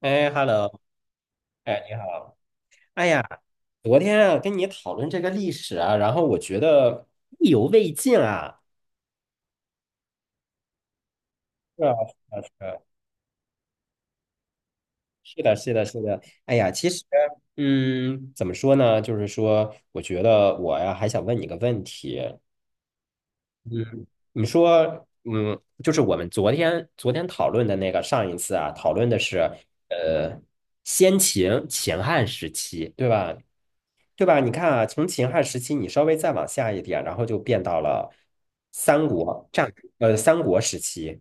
哎，hello，哎，你好。哎呀，昨天啊跟你讨论这个历史啊，然后我觉得意犹未尽啊。是啊，是啊，是的，是的，是的。哎呀，其实，嗯，怎么说呢？就是说，我觉得我呀还想问你个问题。嗯，你说，嗯，就是我们昨天讨论的那个上一次啊，讨论的是呃先秦秦汉时期，对吧？对吧？你看啊，从秦汉时期，你稍微再往下一点，然后就变到了三国战，三国时期。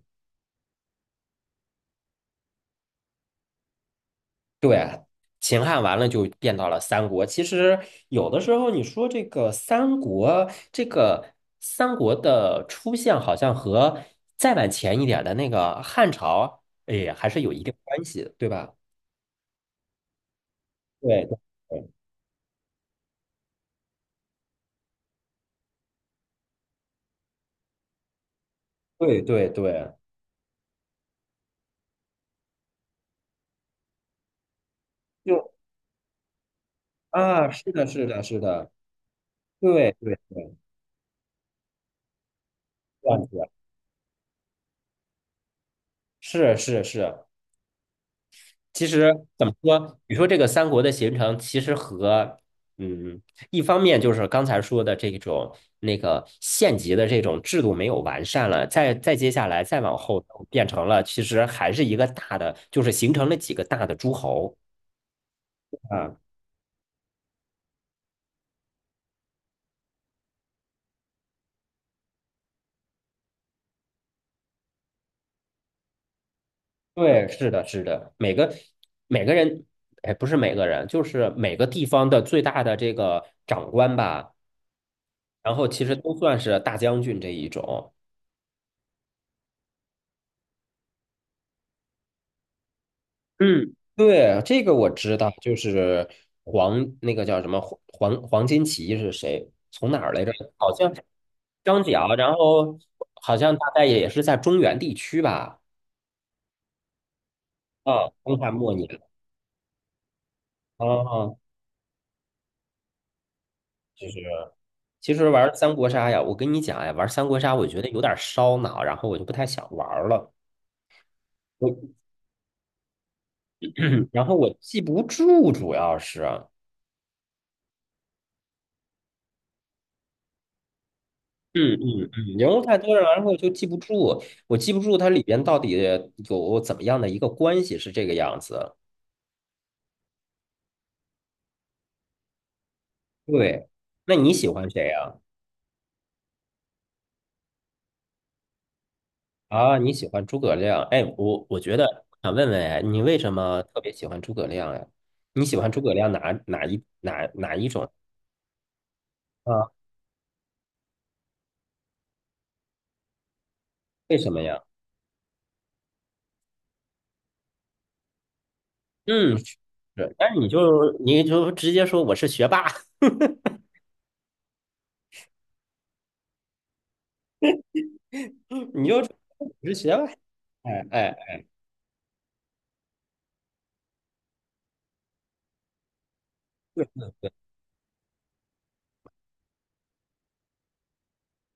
秦汉完了就变到了三国。其实有的时候你说这个三国，这个三国的出现，好像和再往前一点的那个汉朝，哎，还是有一定关系的对吧？对对，就啊，是的，是的，是的，对对对，这样子，是是是。其实怎么说？你说这个三国的形成，其实和嗯，一方面就是刚才说的这种那个县级的这种制度没有完善了，再接下来再往后变成了，其实还是一个大的，就是形成了几个大的诸侯啊。对，是的，是的，每个每个人，哎，不是每个人，就是每个地方的最大的这个长官吧，然后其实都算是大将军这一种。嗯对，这个我知道，就是黄那个叫什么黄金奇义是谁？从哪儿来着？好像张角，然后好像大概也是在中原地区吧。啊，东汉末年啊，就是其实玩三国杀呀，我跟你讲呀，玩三国杀我觉得有点烧脑，然后我就不太想玩了。我 然后我记不住，主要是。嗯嗯嗯，人物太多了，然后就记不住，我记不住它里边到底有怎么样的一个关系是这个样子。对，那你喜欢谁呀？啊，你喜欢诸葛亮？哎，我觉得想问问，哎你为什么特别喜欢诸葛亮呀？你喜欢诸葛亮哪一种啊？为什么呀？嗯，是，但是你就直接说我是学霸，我是学霸，哎哎。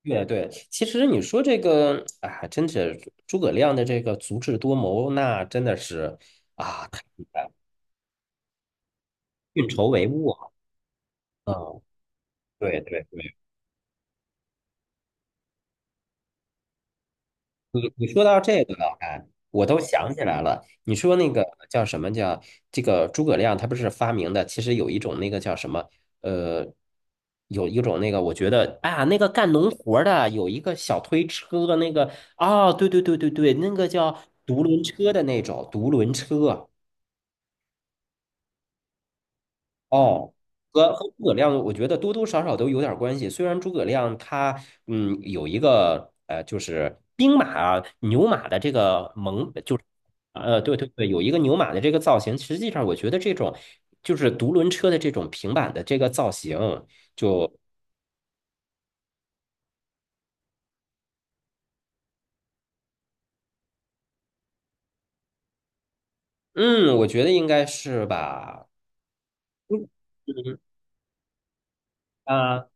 对对，其实你说这个啊，真是诸葛亮的这个足智多谋，那真的是啊，太厉害了，运筹帷幄啊。嗯，对对对，你你说到这个了，哎，我都想起来了。你说那个叫什么叫这个诸葛亮，他不是发明的，其实有一种那个叫什么，呃，有一种那个，我觉得啊，那个干农活儿的有一个小推车，那个哦，对对对对对，那个叫独轮车的那种独轮车。哦，和诸葛亮，我觉得多多少少都有点关系。虽然诸葛亮他嗯有一个就是兵马啊牛马的这个蒙，就是对对对，有一个牛马的这个造型。实际上，我觉得这种就是独轮车的这种平板的这个造型，就嗯，我觉得应该是吧。嗯嗯啊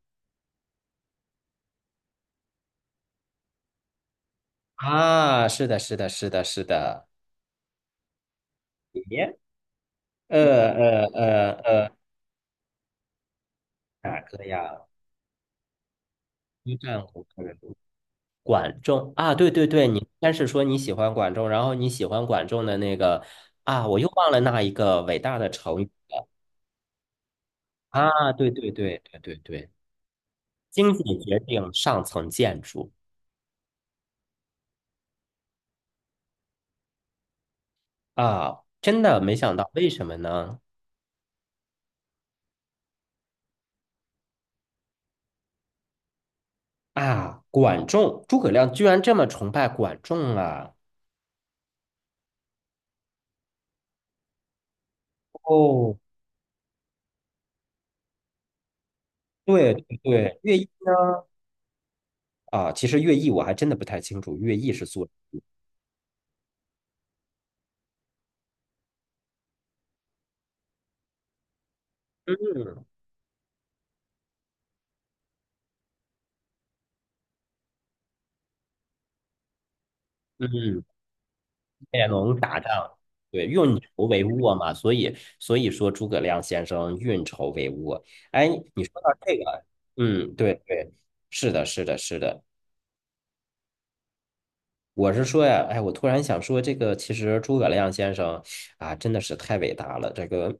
啊，是的，是的，是的，是的。耶，呃呃呃呃，哪个呀？一战国人？管仲啊，对对对，你先是说你喜欢管仲，然后你喜欢管仲的那个啊，我又忘了那一个伟大的成语啊，对对对对对对，经济决定上层建筑啊，真的没想到，为什么呢？啊，管仲，诸葛亮居然这么崇拜管仲啊！哦，对对对，乐毅啊，其实乐毅我还真的不太清楚，乐毅是做什么嗯嗯。也能打仗，对，运筹帷幄嘛，所以说诸葛亮先生运筹帷幄。哎，你说到这个，嗯，对对，是的，是的，是的。我是说呀，哎，我突然想说，这个其实诸葛亮先生啊，真的是太伟大了。这个，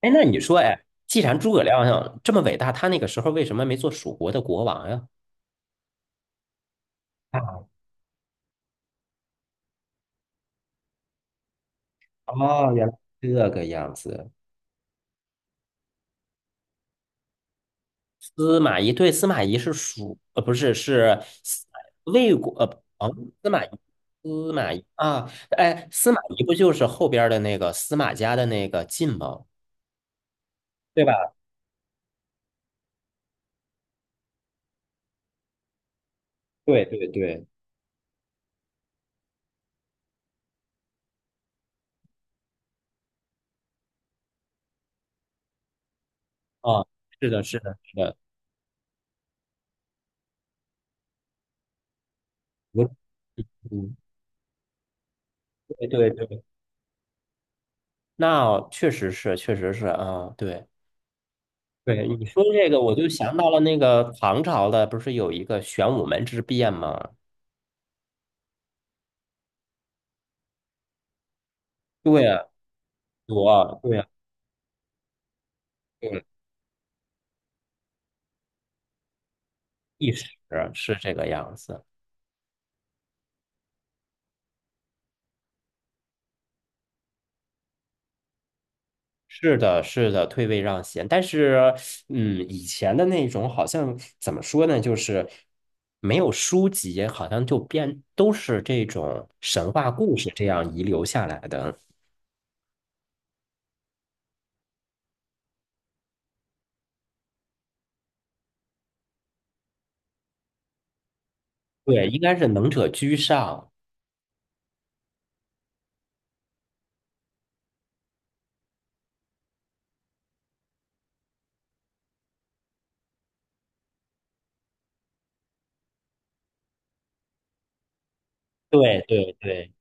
哎，那你说，哎，既然诸葛亮这么伟大，他那个时候为什么没做蜀国的国王呀？啊，哦，原来这个样子。司马懿对，司马懿是蜀，呃，不是是司魏国，哦，司马懿，司马懿啊，哎，司马懿不就是后边儿的那个司马家的那个晋吗？对吧？对对对，啊，是的，是的，是的，我嗯，对对对，那确实是，确实是啊，对对，你说这个，我就想到了那个唐朝的，不是有一个玄武门之变吗？对啊，我对啊，对，一史是这个样子。是的，是的，退位让贤，但是，嗯，以前的那种好像怎么说呢，就是没有书籍，好像就编都是这种神话故事这样遗留下来的。对，应该是能者居上。对对对，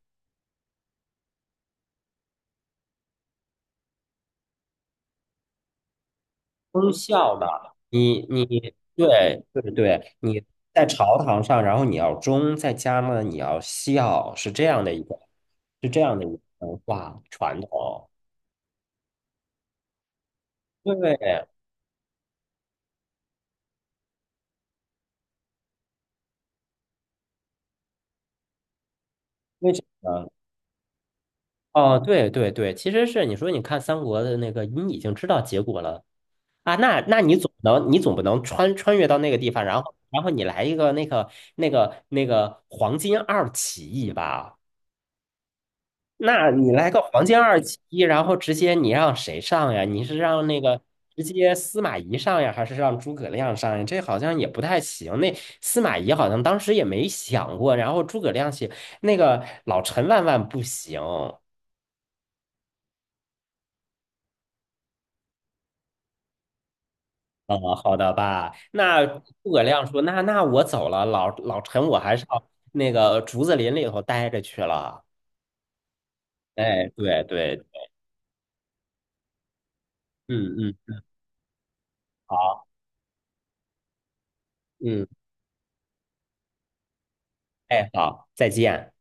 忠孝的。你你对对对，你在朝堂上，然后你要忠，在家呢你要孝，是这样的一个，是这样的一个文化传统。对，为什么呢？哦，对对对，其实是你说，你看三国的那个，你已经知道结果了啊，那那你总不能穿越到那个地方，然后你来一个那个那个黄金二起义吧？那你来个黄金二起义，然后直接你让谁上呀？你是让那个直接司马懿上呀，还是让诸葛亮上呀？这好像也不太行。那司马懿好像当时也没想过，然后诸葛亮写那个老陈万万不行。哦，好的吧。那诸葛亮说：“那那我走了，老老陈，我还是要那个竹子林里头待着去了。”哎，对对，嗯嗯，好，嗯，哎，好，再见。